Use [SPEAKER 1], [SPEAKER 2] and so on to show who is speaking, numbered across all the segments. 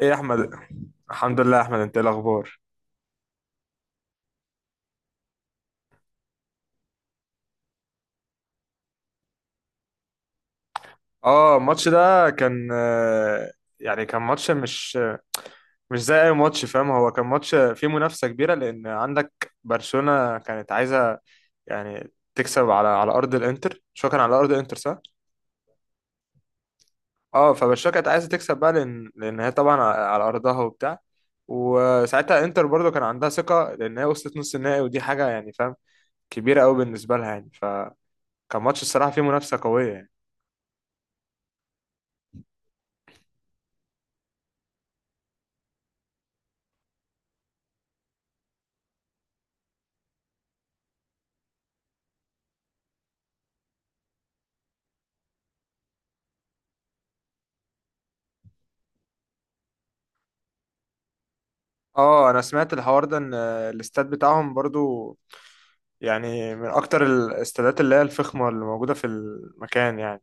[SPEAKER 1] ايه يا احمد. الحمد لله يا احمد، انت ايه الاخبار؟ اه، الماتش ده كان يعني كان ماتش مش زي اي ماتش، فاهم؟ هو كان ماتش فيه منافسة كبيرة لان عندك برشلونة كانت عايزة يعني تكسب على ارض الانتر، شو كان على ارض الانتر، صح؟ اه، فبرشلونة كانت عايزة تكسب بقى، لان هي طبعا على ارضها وبتاع. وساعتها انتر برضو كان عندها ثقة لان هي وصلت نص النهائي، ودي حاجة يعني، فاهم، كبيرة قوي بالنسبة لها يعني. فكان ماتش الصراحة فيه منافسة قوية يعني. اه، انا سمعت الحوار ده ان الاستاد بتاعهم برضو يعني من اكتر الاستادات اللي هي الفخمه اللي موجوده في المكان يعني.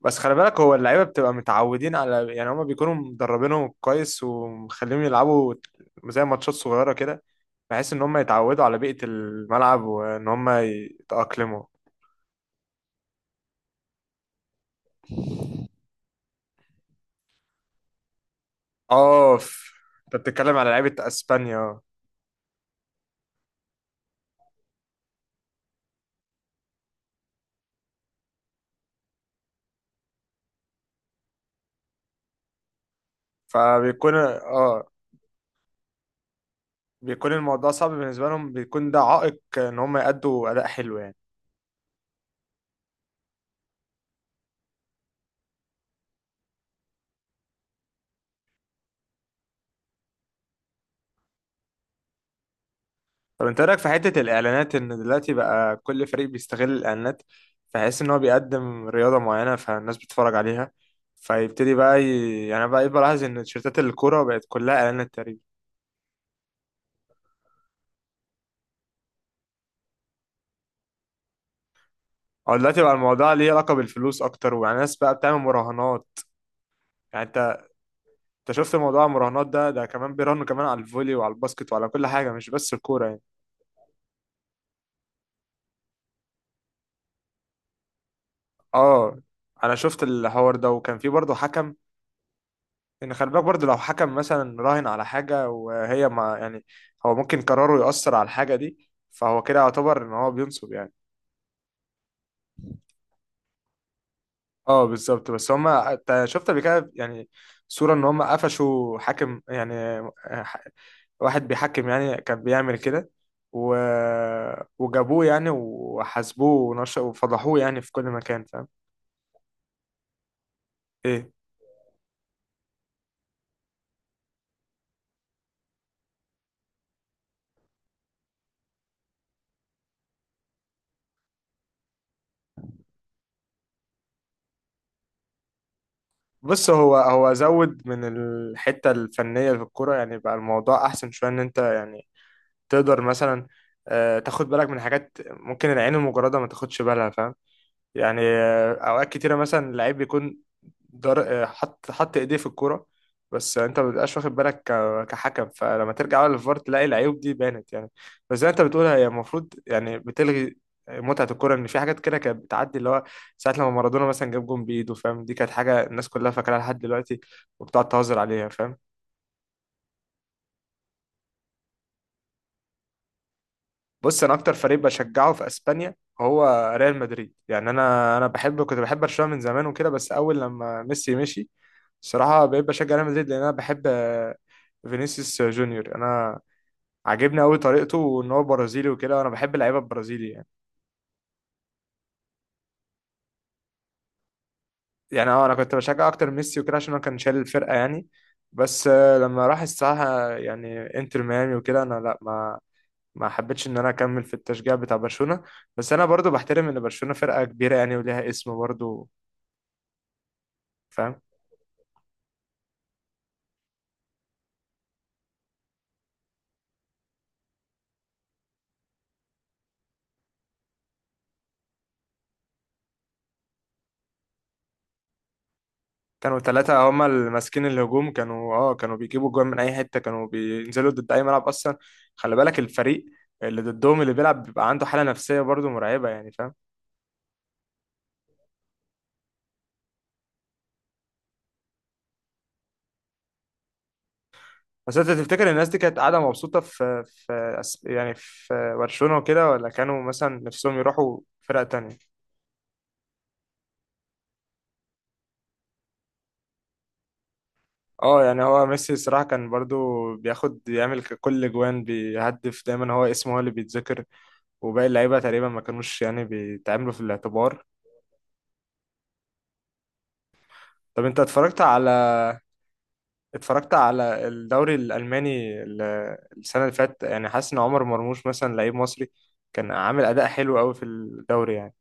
[SPEAKER 1] بس خلي بالك، هو اللعيبه بتبقى متعودين على، يعني هما بيكونوا مدربينهم كويس ومخليهم يلعبوا زي ماتشات صغيره كده، بحيث ان هما يتعودوا على بيئه الملعب وان هما يتاقلموا. اه، انت بتتكلم على لعيبه اسبانيا. فبيكون اه بيكون الموضوع صعب بالنسبه لهم، بيكون ده عائق ان هما يأدوا اداء حلو يعني. طب، انت رايك في حته الاعلانات، ان دلوقتي بقى كل فريق بيستغل الاعلانات، فحيث ان هو بيقدم رياضه معينه فالناس بتتفرج عليها. فيبتدي بقى يعني بقى بلاحظ ان تيشيرتات الكوره بقت كلها اعلانات تقريبا. او دلوقتي بقى الموضوع ليه علاقه بالفلوس اكتر، ويعني الناس بقى بتعمل مراهنات. يعني انت شفت موضوع المراهنات ده كمان بيراهنوا كمان على الفولي وعلى الباسكت وعلى كل حاجه، مش بس الكوره يعني. اه، انا شفت الحوار ده وكان في برضه حكم. ان خلي بالك برضه، لو حكم مثلا راهن على حاجه وهي، ما يعني، هو ممكن قراره يأثر على الحاجه دي، فهو كده يعتبر ان هو بينصب يعني. اه، بالظبط. بس هما، أنت شفت قبل كده يعني، صوره ان هما قفشوا حاكم يعني، ح- واحد بيحكم يعني كان بيعمل كده و... وجابوه يعني وحاسبوه وفضحوه يعني في كل مكان، فاهم. ايه؟ بص، هو زود من الحته الفنيه في الكوره، يعني بقى الموضوع احسن شويه، ان انت يعني تقدر مثلا تاخد بالك من حاجات ممكن العين المجرده ما تاخدش بالها، فاهم. يعني اوقات كتيره مثلا اللعيب بيكون حط ايديه في الكوره، بس انت ما بتبقاش واخد بالك كحكم. فلما ترجع بقى للفار تلاقي العيوب دي بانت يعني. بس زي ما انت بتقول، هي المفروض يعني بتلغي متعة الكورة، إن في حاجات كده كانت بتعدي اللي هو، ساعة لما مارادونا مثلا جاب جون بإيده فاهم، دي كانت حاجة الناس كلها فاكراها لحد دلوقتي، وبتقعد تهزر عليها فاهم. بص، انا اكتر فريق بشجعه في اسبانيا هو ريال مدريد يعني. انا بحب، كنت بحب برشلونة من زمان وكده، بس اول لما ميسي مشي الصراحة بقيت بشجع ريال مدريد، لان انا بحب فينيسيوس جونيور. انا عاجبني قوي طريقته، وان هو برازيلي وكده، وانا بحب اللعيبه البرازيلي يعني. يعني اه، انا كنت بشجع اكتر ميسي وكده عشان هو كان شايل الفرقه يعني. بس لما راح الساحه يعني انتر ميامي وكده، انا لا، ما حبيتش ان انا اكمل في التشجيع بتاع برشلونه. بس انا برضو بحترم ان برشلونه فرقه كبيره يعني وليها اسم برضو. فاهم. كانوا ثلاثة هما اللي ماسكين الهجوم. كانوا بيجيبوا جوان من أي حتة، كانوا بينزلوا ضد أي ملعب أصلا. خلي بالك، الفريق اللي ضدهم اللي بيلعب بيبقى عنده حالة نفسية برضو مرعبة يعني فاهم. بس أنت تفتكر الناس دي كانت قاعدة مبسوطة في يعني في برشلونة وكده، ولا كانوا مثلا نفسهم يروحوا فرقة تانية؟ اه، يعني هو ميسي الصراحة كان برضو بياخد، يعمل كل جوان بيهدف دايما هو اسمه هو اللي بيتذكر، وباقي اللعيبة تقريبا ما كانوش يعني بيتعاملوا في الاعتبار. طب انت اتفرجت على الدوري الألماني السنة اللي فاتت يعني، حاسس إن عمر مرموش مثلا لعيب مصري كان عامل أداء حلو أوي في الدوري يعني؟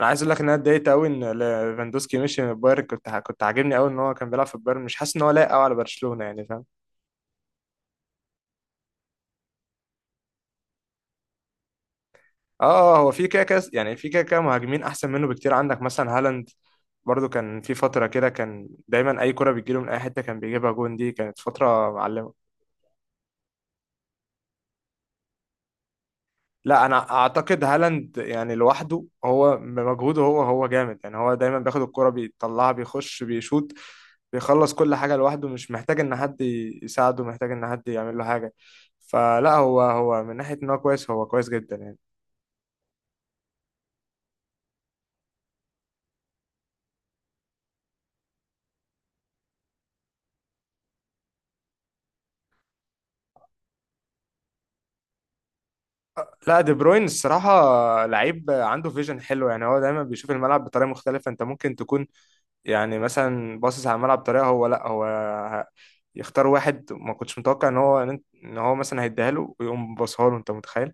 [SPEAKER 1] أنا عايز أقول لك إن أنا اتضايقت أوي إن ليفاندوسكي مشي من البايرن. كنت عاجبني أوي إن هو كان بيلعب في البايرن، مش حاسس إن هو لايق أوي على برشلونة يعني، فاهم. هو في كده كده يعني، في كده كده مهاجمين أحسن منه بكتير. عندك مثلا هالاند، برضو كان في فترة كده كان دايما أي كرة بتجيله من أي حتة كان بيجيبها جون، دي كانت فترة معلمة. لا، انا اعتقد هالاند يعني لوحده هو بمجهوده، هو جامد يعني. هو دايما بياخد الكرة بيطلعها بيخش بيشوط، بيخلص كل حاجة لوحده، مش محتاج ان حد يساعده، محتاج ان حد يعمل له حاجة. فلا، هو من ناحية ان هو كويس، هو كويس جدا يعني. لا، دي بروين الصراحة لعيب عنده فيجن حلو يعني. هو دايما بيشوف الملعب بطريقة مختلفة. انت ممكن تكون يعني مثلا باصص على الملعب بطريقة، هو لا يختار واحد ما كنتش متوقع ان هو مثلا هيديها له، ويقوم باصها له، انت متخيل.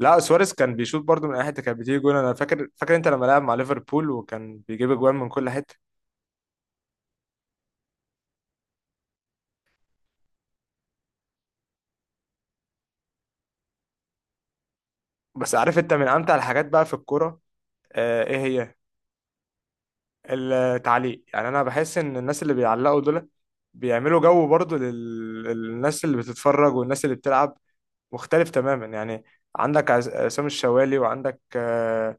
[SPEAKER 1] لا، سواريز كان بيشوط برضو من اي حته كانت بتيجي جون. انا فاكر انت لما لعب مع ليفربول وكان بيجيب اجوان من كل حته. بس عارف انت من امتع الحاجات بقى في الكوره؟ آه، ايه هي؟ التعليق يعني. انا بحس ان الناس اللي بيعلقوا دول بيعملوا جو برضو للناس اللي بتتفرج والناس اللي بتلعب مختلف تماما يعني. عندك عصام الشوالي، وعندك آه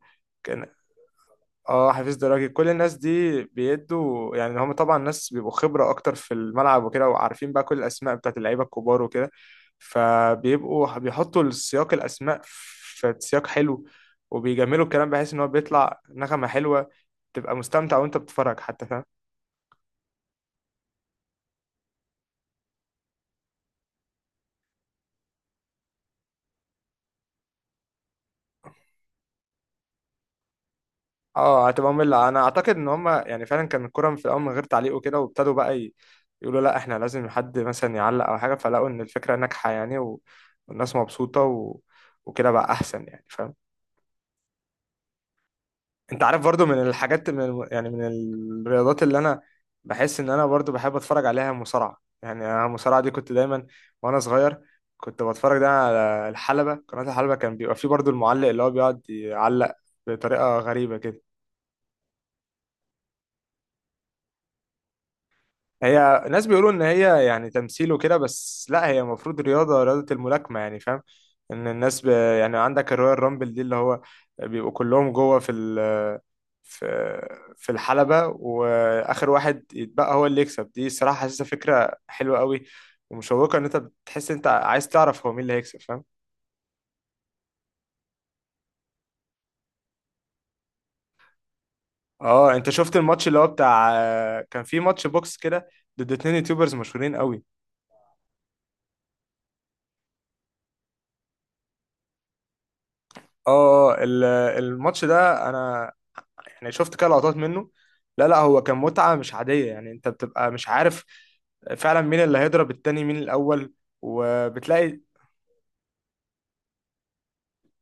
[SPEAKER 1] اه حفيظ دراجي، كل الناس دي بيدوا يعني. هم طبعا ناس بيبقوا خبرة اكتر في الملعب وكده، وعارفين بقى كل الاسماء بتاعت اللعيبة الكبار وكده، فبيبقوا بيحطوا السياق، الاسماء في سياق حلو، وبيجملوا الكلام بحيث ان هو بيطلع نغمة حلوة، تبقى مستمتع وانت بتتفرج حتى، فاهم. اه، هتبقى مملة. انا اعتقد ان هم يعني فعلا كان الكرة في الاول من غير تعليق وكده، وابتدوا بقى يقولوا لا، احنا لازم حد مثلا يعلق او حاجة، فلقوا ان الفكرة ناجحة يعني، والناس مبسوطة وكده بقى احسن يعني، فاهم. انت عارف برضو من الحاجات، من يعني من الرياضات اللي انا بحس ان انا برضو بحب اتفرج عليها، مصارعة. يعني انا المصارعة دي كنت دايما وانا صغير كنت بتفرج ده على الحلبة، قناة الحلبة، كان بيبقى فيه برضو المعلق اللي هو بيقعد يعلق بطريقة غريبة كده. هي ناس بيقولوا ان هي يعني تمثيل وكده، بس لا، هي المفروض رياضة، رياضة الملاكمة يعني فاهم. ان الناس يعني عندك الرويال رامبل دي، اللي هو بيبقوا كلهم جوه في في الحلبة، وآخر واحد يتبقى هو اللي يكسب، دي صراحة حاسسها فكرة حلوة قوي ومشوقة، إن أنت بتحس أنت عايز تعرف هو مين اللي هيكسب، فاهم. اه، انت شفت الماتش اللي هو بتاع، كان في ماتش بوكس كده، ضد اتنين يوتيوبرز مشهورين قوي؟ اه اه ال- الماتش ده انا يعني شفت كده لقطات منه. لا لا، هو كان متعة مش عادية يعني، انت بتبقى مش عارف فعلا مين اللي هيضرب التاني مين الاول، وبتلاقي.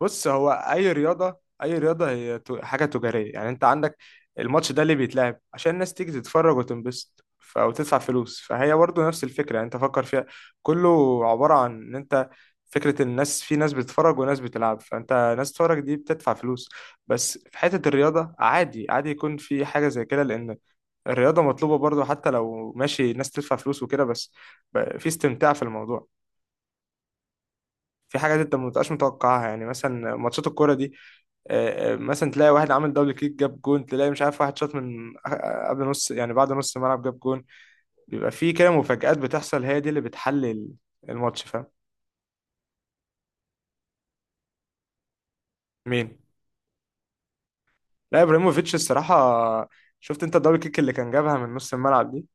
[SPEAKER 1] بص، هو اي رياضه، هي حاجه تجاريه يعني. انت عندك الماتش ده ليه بيتلعب؟ عشان الناس تيجي تتفرج وتنبسط وتدفع فلوس، فهي برضه نفس الفكره يعني، انت فكر فيها. كله عباره عن ان انت، فكره الناس، في ناس بتتفرج وناس بتلعب، فانت ناس تتفرج دي بتدفع فلوس. بس في حته الرياضه، عادي عادي يكون في حاجه زي كده، لان الرياضه مطلوبه برضه حتى لو ماشي ناس تدفع فلوس وكده، بس في استمتاع في الموضوع. في حاجات انت ما بتبقاش متوقعها، يعني مثلا ماتشات الكوره دي، مثلا تلاقي واحد عامل دبل كيك جاب جون، تلاقي مش عارف واحد شاط من قبل نص يعني، بعد نص الملعب جاب جون. بيبقى في كده مفاجآت بتحصل، هي دي اللي بتحلل الماتش، فاهم. مين؟ لا، ابراهيموفيتش الصراحه. شفت انت الدبل كيك اللي كان جابها من نص الملعب دي؟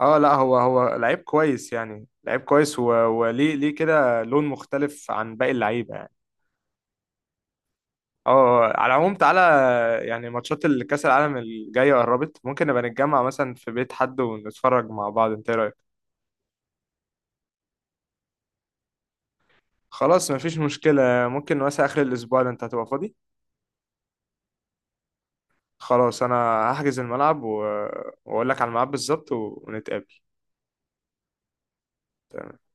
[SPEAKER 1] اه لا، هو لعيب كويس يعني، لعيب كويس، وليه ليه كده لون مختلف عن باقي اللعيبه. اه، على العموم تعالى، يعني ماتشات الكأس العالم الجاية قربت، ممكن نبقى نتجمع مثلا في بيت حد ونتفرج مع بعض، انت ايه رأيك؟ خلاص، مفيش مشكلة. ممكن مثلا آخر الأسبوع ده انت هتبقى فاضي؟ خلاص، أنا هحجز الملعب وأقول لك على الميعاد بالظبط ونتقابل. تمام.